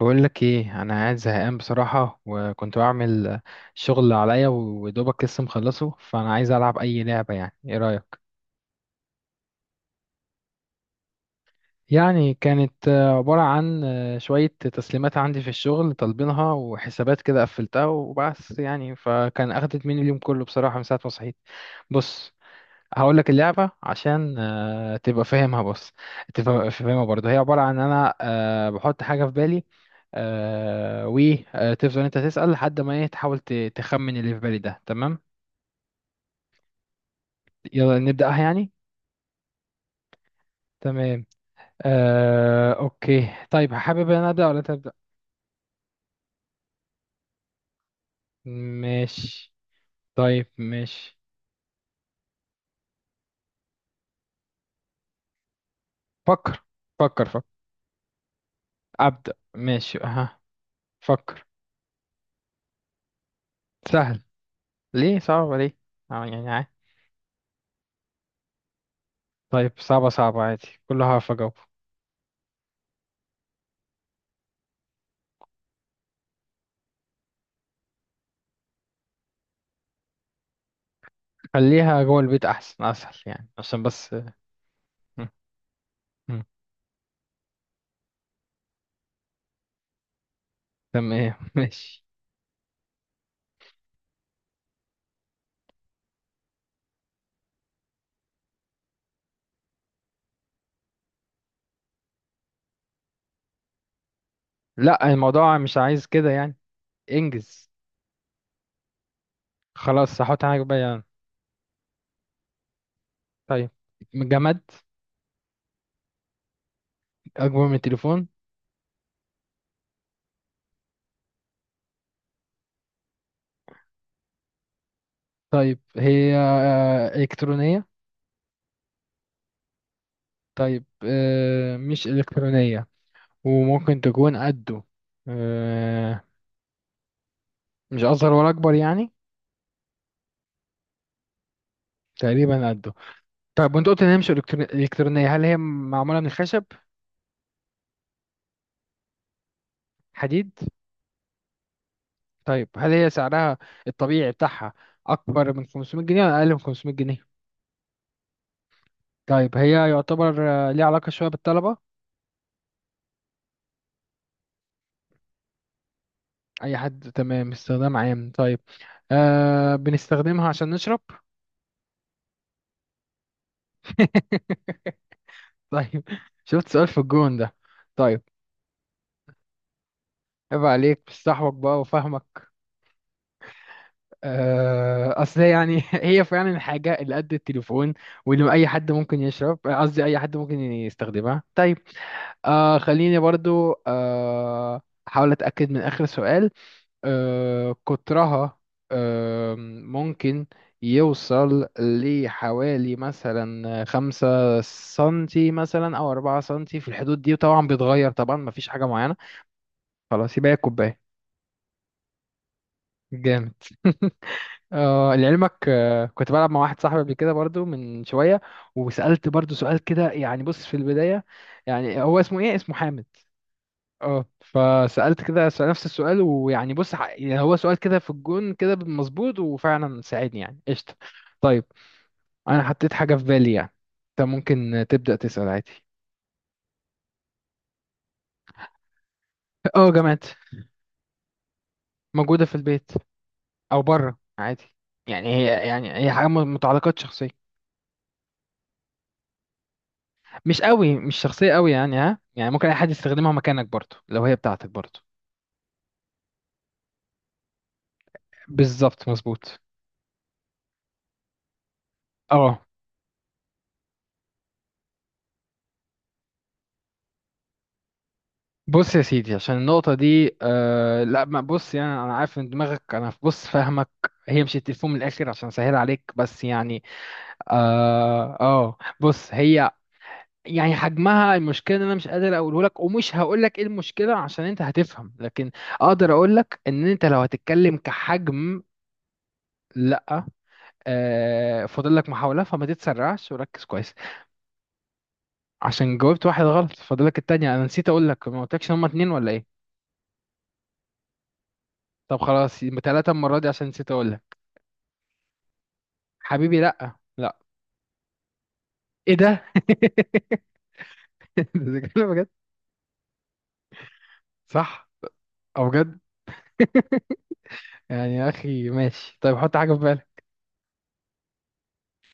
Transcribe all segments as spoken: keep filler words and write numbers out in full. بقول لك ايه، انا قاعد زهقان بصراحه وكنت بعمل شغل عليا ودوبك لسه مخلصه، فانا عايز العب اي لعبه. يعني ايه رايك؟ يعني كانت آه، عباره عن آه، شويه تسليمات عندي في الشغل طالبينها وحسابات كده قفلتها وبس يعني، فكان اخدت مني اليوم كله بصراحه من ساعه ما صحيت. بص، هقول لك اللعبة عشان آه، تبقى فاهمها. بص تبقى فاهمها برضه. هي عبارة عن أنا آه، بحط حاجة في بالي، آه، وتفضل أنت تسأل لحد ما إيه، تحاول ت- تخمن اللي في بالي ده. تمام، يلا نبدأها يعني. تمام، آه، أوكي. طيب حابب أنا أبدأ ولا أنت تبدأ؟ ماشي، طيب ماشي. فكر فكر فكر. أبدأ ماشي أها. فكر. سهل. ليه صعب ليه؟ آه، يعني عادي. طيب، صعبة صعبة عادي، كلها هعرف أجاوب. خليها جوه البيت احسن، اسهل يعني عشان بس م- م. تمام ماشي. لا، الموضوع مش عايز كده يعني. انجز. خلاص هحط حاجه بقى يعني. طيب، جماد. اكبر من التليفون. طيب هي آه، الكترونيه؟ طيب آه، مش الكترونيه وممكن تكون قده. آه، مش اصغر ولا اكبر يعني. تقريبا قده. طيب، وانت قلت ان هي مش إلكترو- الكترونيه، هل هي معموله من خشب؟ حديد؟ طيب، هل هي سعرها الطبيعي بتاعها أكبر من خمسمية جنيه ولا أقل من خمسمية جنيه؟ طيب، هي يعتبر آه، ليها علاقة شوية بالطلبة؟ أي حد، تمام، استخدام عام. طيب، آه بنستخدمها عشان نشرب. طيب. شفت سؤال في الجون ده؟ طيب. عيب عليك، بستحوك بقى وفاهمك. آه أصل هي يعني هي فعلا الحاجة اللي قد التليفون واللي أي حد ممكن يشرب، قصدي أي حد ممكن يستخدمها. طيب، آه خليني برضو آه احاول اتاكد من اخر سؤال. آه، قطرها آه ممكن يوصل لحوالي مثلا خمسة سنتي مثلا او أربعة سنتي، في الحدود دي، وطبعا بيتغير طبعا، مفيش حاجة معينة. خلاص يبقى هي كوباية. جامد. آه لعلمك، آه كنت بلعب مع واحد صاحبي قبل كده برضو من شوية، وسألت برضو سؤال كده يعني. بص في البداية يعني، هو اسمه ايه؟ اسمه حامد. اه. فسألت كده، سأل نفس السؤال، ويعني بص ح- يعني هو سؤال كده في الجون كده مظبوط وفعلا ساعدني يعني، قشطة. طيب، أنا حطيت حاجة في بالي يعني، أنت ممكن تبدأ تسأل عادي. اه، جامعة. موجودة في البيت أو بره عادي. يعني هي يعني هي حاجة م- متعلقات شخصية. مش قوي، مش شخصية قوي يعني، ها يعني ممكن أي حد يستخدمها مكانك برضه، لو هي بتاعتك برضه. بالظبط مظبوط. اه بص يا سيدي، عشان النقطة دي آه، لا ما بص يعني، أنا عارف إن دماغك، أنا بص فاهمك. هي مش التليفون، من الآخر عشان سهل عليك بس يعني. آه, آه بص هي يعني حجمها، المشكلة إن أنا مش قادر أقوله لك، ومش هقول لك إيه المشكلة عشان أنت هتفهم، لكن أقدر أقول لك إن أنت لو هتتكلم كحجم. لا. آه، فاضل لك محاولة فما تتسرعش وركز كويس. عشان جاوبت واحد غلط، فاضل لك التانية. أنا نسيت أقول لك، ما قلتلكش إن هما اتنين ولا إيه. طب خلاص، يبقى تلاتة المرة دي عشان نسيت أقول لك. حبيبي لا. لا. ايه ده؟ ده كلام بجد؟ صح. او بجد. يعني يا اخي ماشي، طيب حط حاجه في بالك.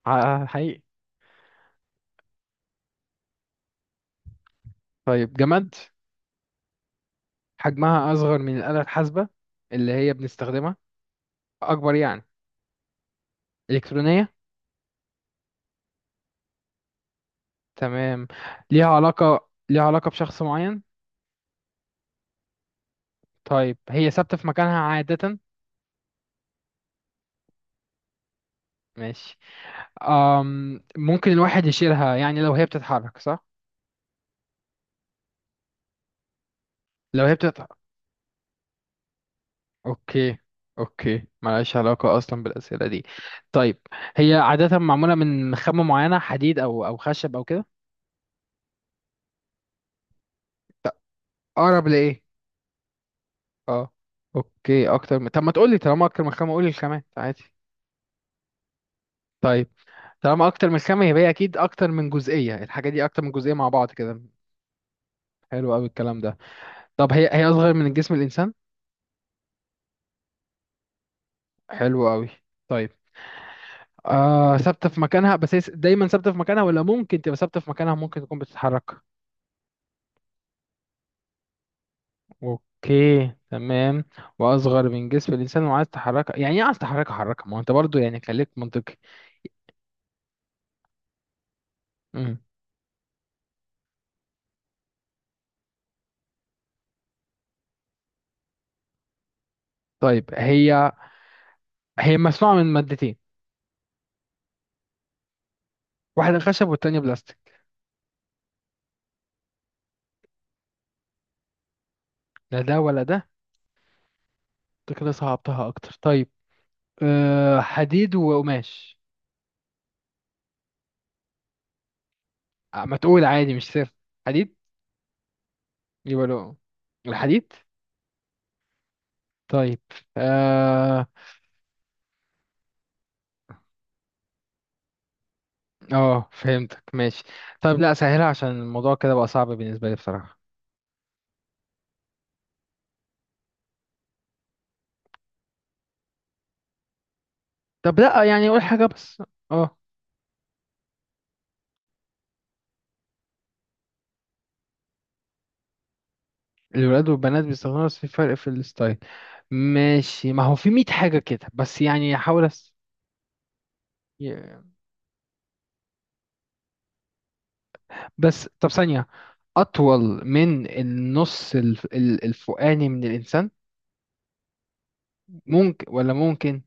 ع- حقيقي. طيب، جماد. حجمها اصغر من الاله الحاسبه اللي هي بنستخدمها؟ اكبر يعني؟ الكترونيه؟ تمام. ليها علاقه، ليها علاقه بشخص معين؟ طيب، هي ثابته في مكانها عاده؟ ماشي. أم... ممكن الواحد يشيلها يعني، لو هي بتتحرك صح؟ لو هي بتتحرك. اوكي. اوكي ملهاش علاقة اصلا بالأسئلة دي. طيب، هي عادة معمولة من خامة معينة، حديد او او خشب او كده؟ اقرب لايه؟ اه، اوكي، اكتر من، طب ما تقولي طالما اكتر من خامة قولي الخامات عادي. طيب، طالما اكتر من خامة، يبقى هي اكيد اكتر من جزئية، الحاجة دي اكتر من جزئية مع بعض كده. حلو قوي الكلام ده. طب، هي هي اصغر من جسم الانسان؟ حلو قوي. طيب آه، ثابتة في مكانها بس، هي س- دايما ثابتة في مكانها، ولا ممكن تبقى ثابتة في مكانها، ممكن تكون بتتحرك؟ اوكي تمام. واصغر من جسم الانسان، وعايز تحركها؟ يعني ايه عايز تحركها حركها، ما هو انت برضو يعني خليك منطقي. امم طيب، هي هي مصنوعه من مادتين، واحده خشب والتانيه بلاستيك؟ لا ده ولا ده؟ انت كده صعبتها اكتر. طيب أه، حديد وقماش؟ أه، ما تقول عادي، مش سر. حديد؟ يبقى له. الحديد. طيب. اه. اه فهمتك، ماشي. طيب لا سهلها، عشان الموضوع كده بقى صعب بالنسبه لي بصراحه. طب لا يعني قول حاجه بس. اه. الولاد والبنات بيستخدموها بس في فرق في الستايل؟ ماشي، ما هو في ميت حاجة كده، بس يعني احاول أس... ي- بس طب ثانية. أطول من النص الف... ال- الفوقاني من الإنسان، ممكن ولا ممكن؟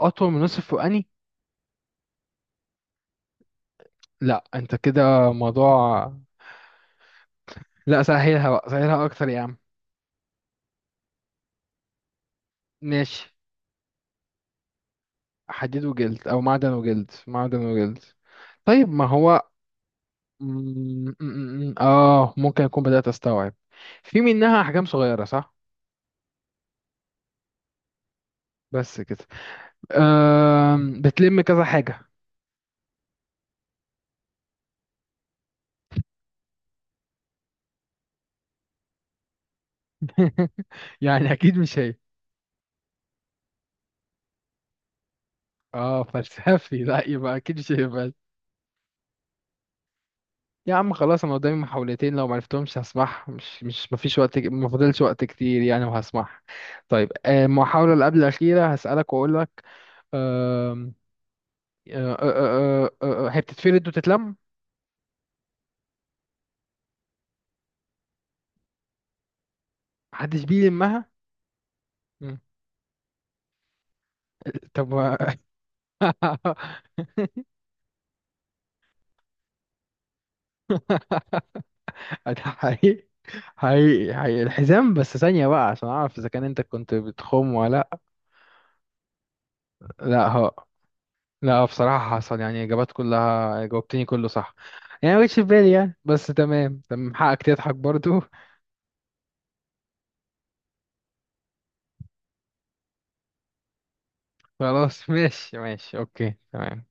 أطول من النص الفوقاني؟ لا أنت كده موضوع، لا سهلها بقى، سهلها أكتر يا عم. ماشي. حديد وجلد أو معدن وجلد، معدن وجلد. طيب ما هو. م- م- م- م- آه ممكن أكون بدأت أستوعب. في منها أحجام صغيرة صح؟ بس كده. أم، بتلم كذا حاجة. يعني أكيد مش هي. اه فلسفي. لا يبقى أكيد مش هي بس. يا عم خلاص، أنا قدامي محاولتين، لو معرفتهمش هسمعها، مش مش مفيش وقت، ما فاضلش وقت كتير يعني، وهسمعها. طيب آه، المحاولة اللي قبل الأخيرة هسألك وأقول لك. أم، آه، آه، آه، آه، آه، آه، هي بتتفرد وتتلم؟ محدش بيلمها. مم. طب و- ده حقيقي، حقيقي حقيقي. الحزام؟ بس ثانية بقى عشان أعرف إذا كان أنت كنت بتخم ولا لأ. لأ، ها. لأ بصراحة حصل، يعني إجابات كلها جاوبتني كله صح، يعني ما جتش في بالي يعني، بس تمام تمام، حقك تضحك برضو. خلاص ماشي ماشي، أوكي تمام.